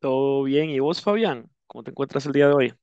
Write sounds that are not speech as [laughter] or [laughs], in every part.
Todo bien. ¿Y vos, Fabián? ¿Cómo te encuentras el día de hoy?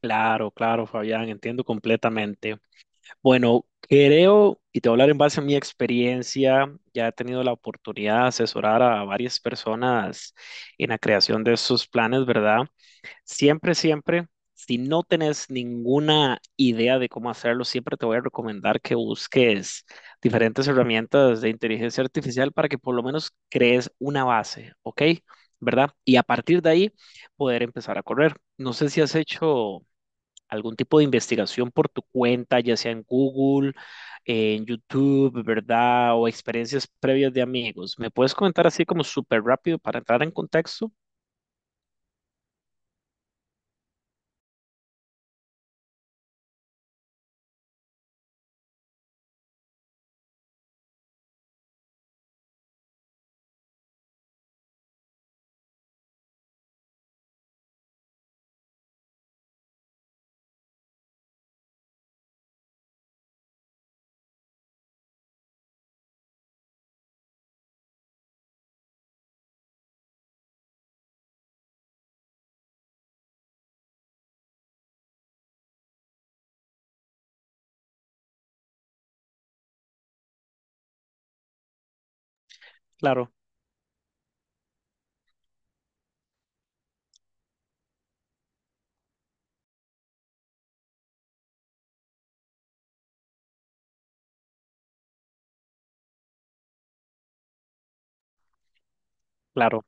Claro, claro, Fabián, entiendo completamente. Bueno, creo, y te voy a hablar en base a mi experiencia, ya he tenido la oportunidad de asesorar a varias personas en la creación de sus planes, ¿verdad? Siempre, siempre, si no tenés ninguna idea de cómo hacerlo, siempre te voy a recomendar que busques diferentes herramientas de inteligencia artificial para que por lo menos crees una base, ¿ok? ¿Verdad? Y a partir de ahí poder empezar a correr. No sé si has hecho algún tipo de investigación por tu cuenta, ya sea en Google, en YouTube, ¿verdad? O experiencias previas de amigos. ¿Me puedes comentar así como súper rápido para entrar en contexto? Claro, claro.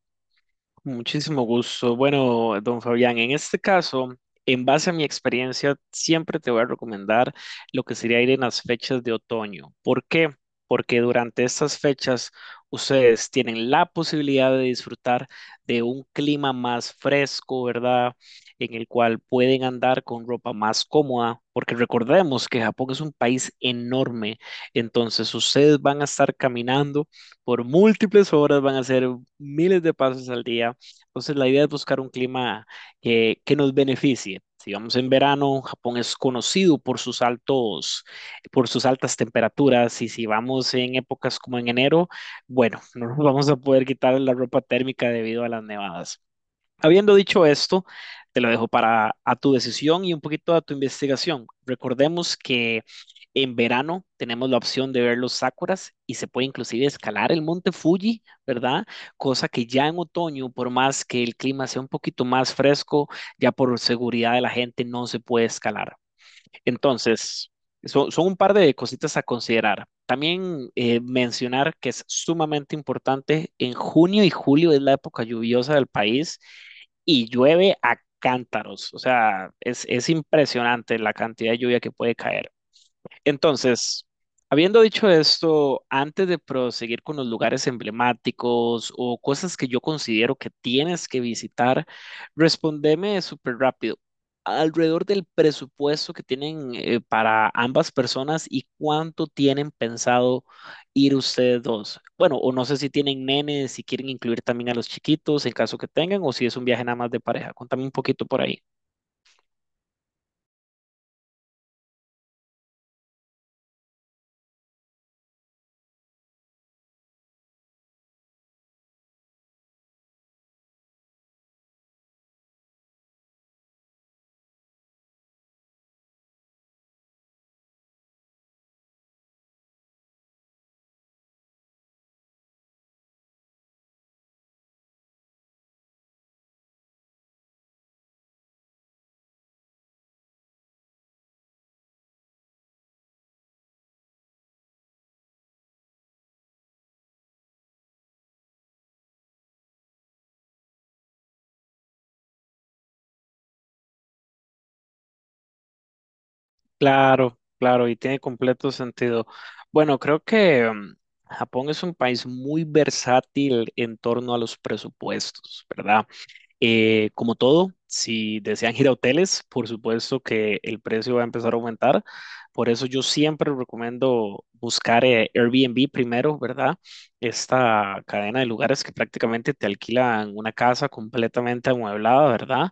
Muchísimo gusto. Bueno, don Fabián, en este caso, en base a mi experiencia, siempre te voy a recomendar lo que sería ir en las fechas de otoño. ¿Por qué? Porque durante estas fechas ustedes tienen la posibilidad de disfrutar de un clima más fresco, ¿verdad? En el cual pueden andar con ropa más cómoda, porque recordemos que Japón es un país enorme, entonces ustedes van a estar caminando por múltiples horas, van a hacer miles de pasos al día. Entonces, la idea es buscar un clima que nos beneficie. Si vamos en verano, Japón es conocido por sus altos, por sus altas temperaturas, y si vamos en épocas como en enero, bueno, no nos [laughs] vamos a poder quitar la ropa térmica debido a las nevadas. Habiendo dicho esto, te lo dejo para a tu decisión y un poquito a tu investigación. Recordemos que en verano tenemos la opción de ver los sakuras y se puede inclusive escalar el monte Fuji, ¿verdad? Cosa que ya en otoño, por más que el clima sea un poquito más fresco, ya por seguridad de la gente no se puede escalar. Entonces, son un par de cositas a considerar. También mencionar que es sumamente importante, en junio y julio es la época lluviosa del país y llueve a cántaros, o sea, es impresionante la cantidad de lluvia que puede caer. Entonces, habiendo dicho esto, antes de proseguir con los lugares emblemáticos o cosas que yo considero que tienes que visitar, respondeme súper rápido. Alrededor del presupuesto que tienen para ambas personas y cuánto tienen pensado ir ustedes dos. Bueno, o no sé si tienen nenes, si quieren incluir también a los chiquitos en caso que tengan, o si es un viaje nada más de pareja. Contame un poquito por ahí. Claro, claro, y tiene completo sentido. Bueno, creo que Japón es un país muy versátil en torno a los presupuestos, ¿verdad? Como todo, si desean ir a hoteles, por supuesto que el precio va a empezar a aumentar. Por eso yo siempre recomiendo buscar Airbnb primero, ¿verdad? Esta cadena de lugares que prácticamente te alquilan una casa completamente amueblada, ¿verdad?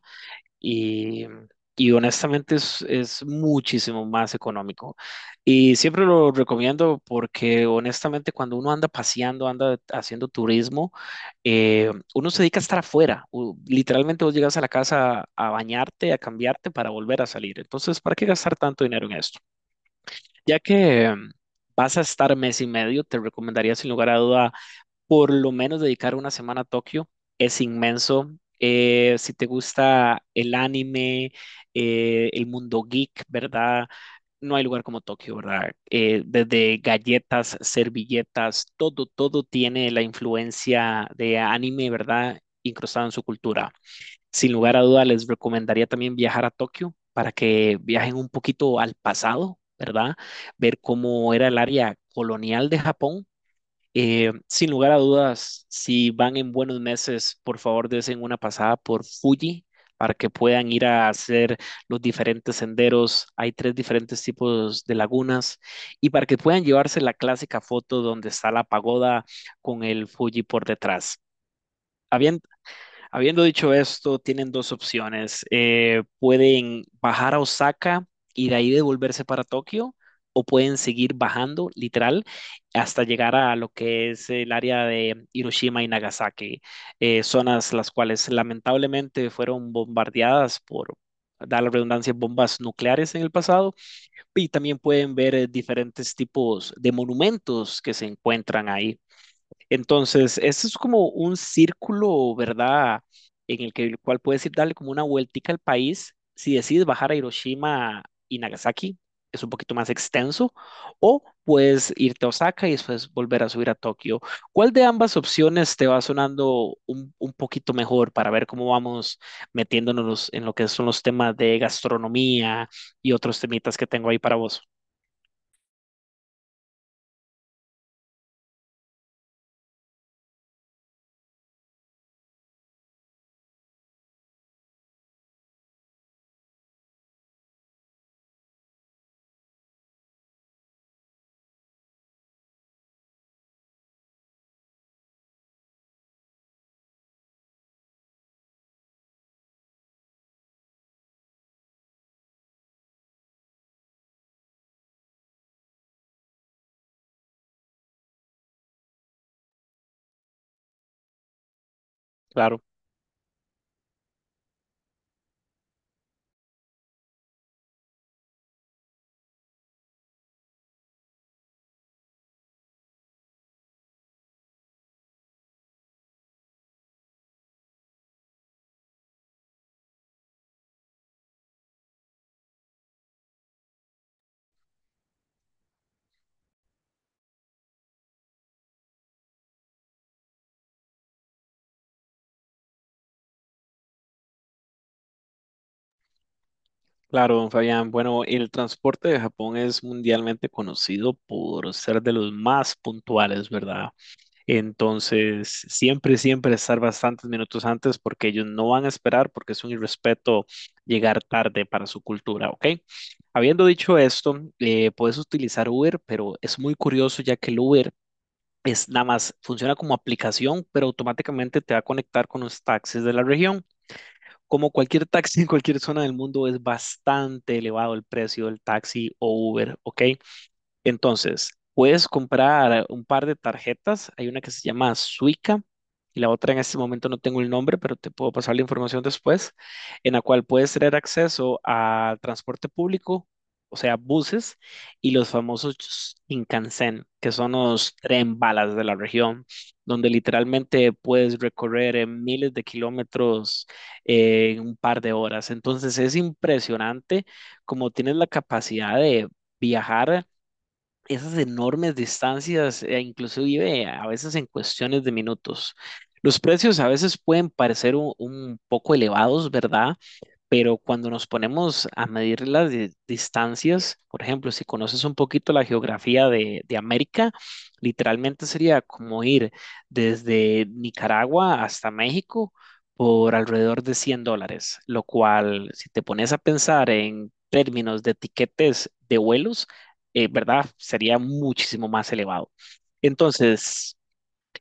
y, y honestamente es muchísimo más económico. Y siempre lo recomiendo porque honestamente cuando uno anda paseando, anda haciendo turismo, uno se dedica a estar afuera. Literalmente vos llegas a la casa a bañarte, a cambiarte para volver a salir. Entonces, ¿para qué gastar tanto dinero en esto? Ya que... em, Vas a estar mes y medio, te recomendaría sin lugar a duda por lo menos dedicar una semana a Tokio. Es inmenso. Si te gusta el anime, el mundo geek, ¿verdad? No hay lugar como Tokio, ¿verdad? Desde galletas, servilletas, todo, todo tiene la influencia de anime, ¿verdad? Incrustada en su cultura. Sin lugar a duda, les recomendaría también viajar a Tokio para que viajen un poquito al pasado, ¿verdad? Ver cómo era el área colonial de Japón, sin lugar a dudas, si van en buenos meses, por favor desen una pasada por Fuji para que puedan ir a hacer los diferentes senderos. Hay tres diferentes tipos de lagunas y para que puedan llevarse la clásica foto donde está la pagoda con el Fuji por detrás. Habían- Habiendo dicho esto, tienen dos opciones. Pueden bajar a Osaka y de ahí devolverse para Tokio, o pueden seguir bajando, literal, hasta llegar a lo que es el área de Hiroshima y Nagasaki, zonas las cuales lamentablemente fueron bombardeadas por, da la redundancia, bombas nucleares en el pasado, y también pueden ver diferentes tipos de monumentos que se encuentran ahí. Entonces, ese es como un círculo, ¿verdad? En el que el cual puedes ir darle como una vueltica al país si decides bajar a Hiroshima y Nagasaki, es un poquito más extenso, o puedes irte a Osaka y después volver a subir a Tokio. ¿Cuál de ambas opciones te va sonando un poquito mejor para ver cómo vamos metiéndonos en lo que son los temas de gastronomía y otros temitas que tengo ahí para vos? Claro. Claro, don Fabián. Bueno, el transporte de Japón es mundialmente conocido por ser de los más puntuales, ¿verdad? Entonces, siempre, siempre estar bastantes minutos antes porque ellos no van a esperar porque es un irrespeto llegar tarde para su cultura, ¿ok? Habiendo dicho esto, puedes utilizar Uber, pero es muy curioso ya que el Uber es nada más, funciona como aplicación, pero automáticamente te va a conectar con los taxis de la región. Como cualquier taxi en cualquier zona del mundo, es bastante elevado el precio del taxi o Uber, ¿ok? Entonces, puedes comprar un par de tarjetas. Hay una que se llama Suica y la otra en este momento no tengo el nombre, pero te puedo pasar la información después, en la cual puedes tener acceso al transporte público, o sea, buses y los famosos Shinkansen, que son los tren balas de la región, donde literalmente puedes recorrer miles de kilómetros en un par de horas. Entonces, es impresionante como tienes la capacidad de viajar esas enormes distancias, e inclusive a veces en cuestiones de minutos. Los precios a veces pueden parecer un poco elevados, ¿verdad? Pero cuando nos ponemos a medir las distancias, por ejemplo, si conoces un poquito la geografía de América, literalmente sería como ir desde Nicaragua hasta México por alrededor de $100, lo cual, si te pones a pensar en términos de tiquetes de vuelos, ¿verdad? Sería muchísimo más elevado. Entonces,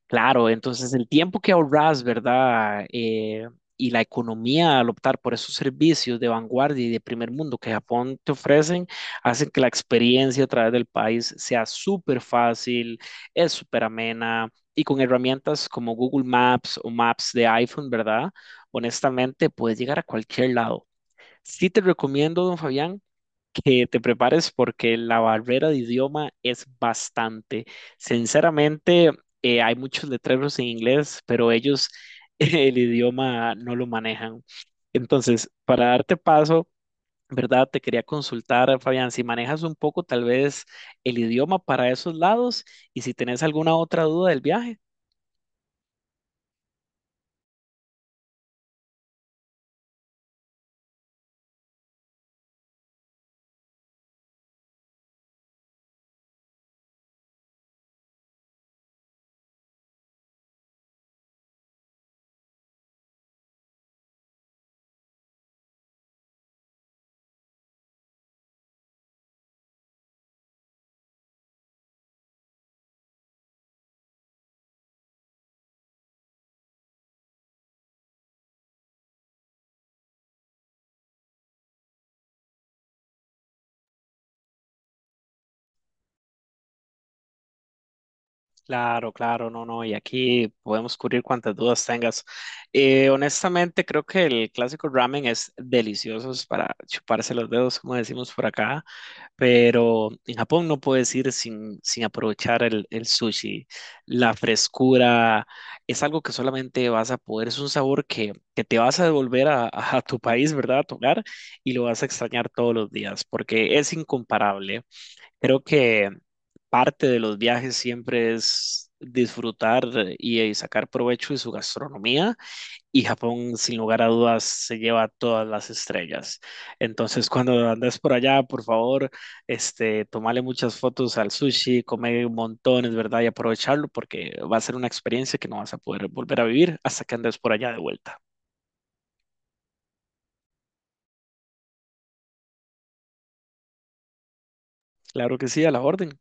claro, entonces el tiempo que ahorras, ¿verdad? Y la economía al optar por esos servicios de vanguardia y de primer mundo que Japón te ofrecen, hacen que la experiencia a través del país sea súper fácil, es súper amena y con herramientas como Google Maps o Maps de iPhone, ¿verdad? Honestamente, puedes llegar a cualquier lado. Sí te recomiendo, don Fabián, que te prepares porque la barrera de idioma es bastante. Sinceramente, hay muchos letreros en inglés, pero ellos [laughs] el idioma no lo manejan. Entonces, para darte paso, ¿verdad? Te quería consultar, Fabián, si manejas un poco tal vez el idioma para esos lados y si tenés alguna otra duda del viaje. Claro, claro, no, no, y aquí podemos cubrir cuantas dudas tengas. Honestamente, creo que el clásico ramen es delicioso, es para chuparse los dedos, como decimos por acá, pero en Japón no puedes ir sin aprovechar el sushi. La frescura es algo que solamente vas a poder, es un sabor que te vas a devolver a tu país, ¿verdad? A tu hogar, y lo vas a extrañar todos los días, porque es incomparable. Creo que parte de los viajes siempre es disfrutar y sacar provecho de su gastronomía y Japón sin lugar a dudas se lleva todas las estrellas. Entonces cuando andas por allá, por favor, tomale muchas fotos al sushi, come montones, ¿verdad? Y aprovecharlo porque va a ser una experiencia que no vas a poder volver a vivir hasta que andes por allá de vuelta. Claro que sí, a la orden.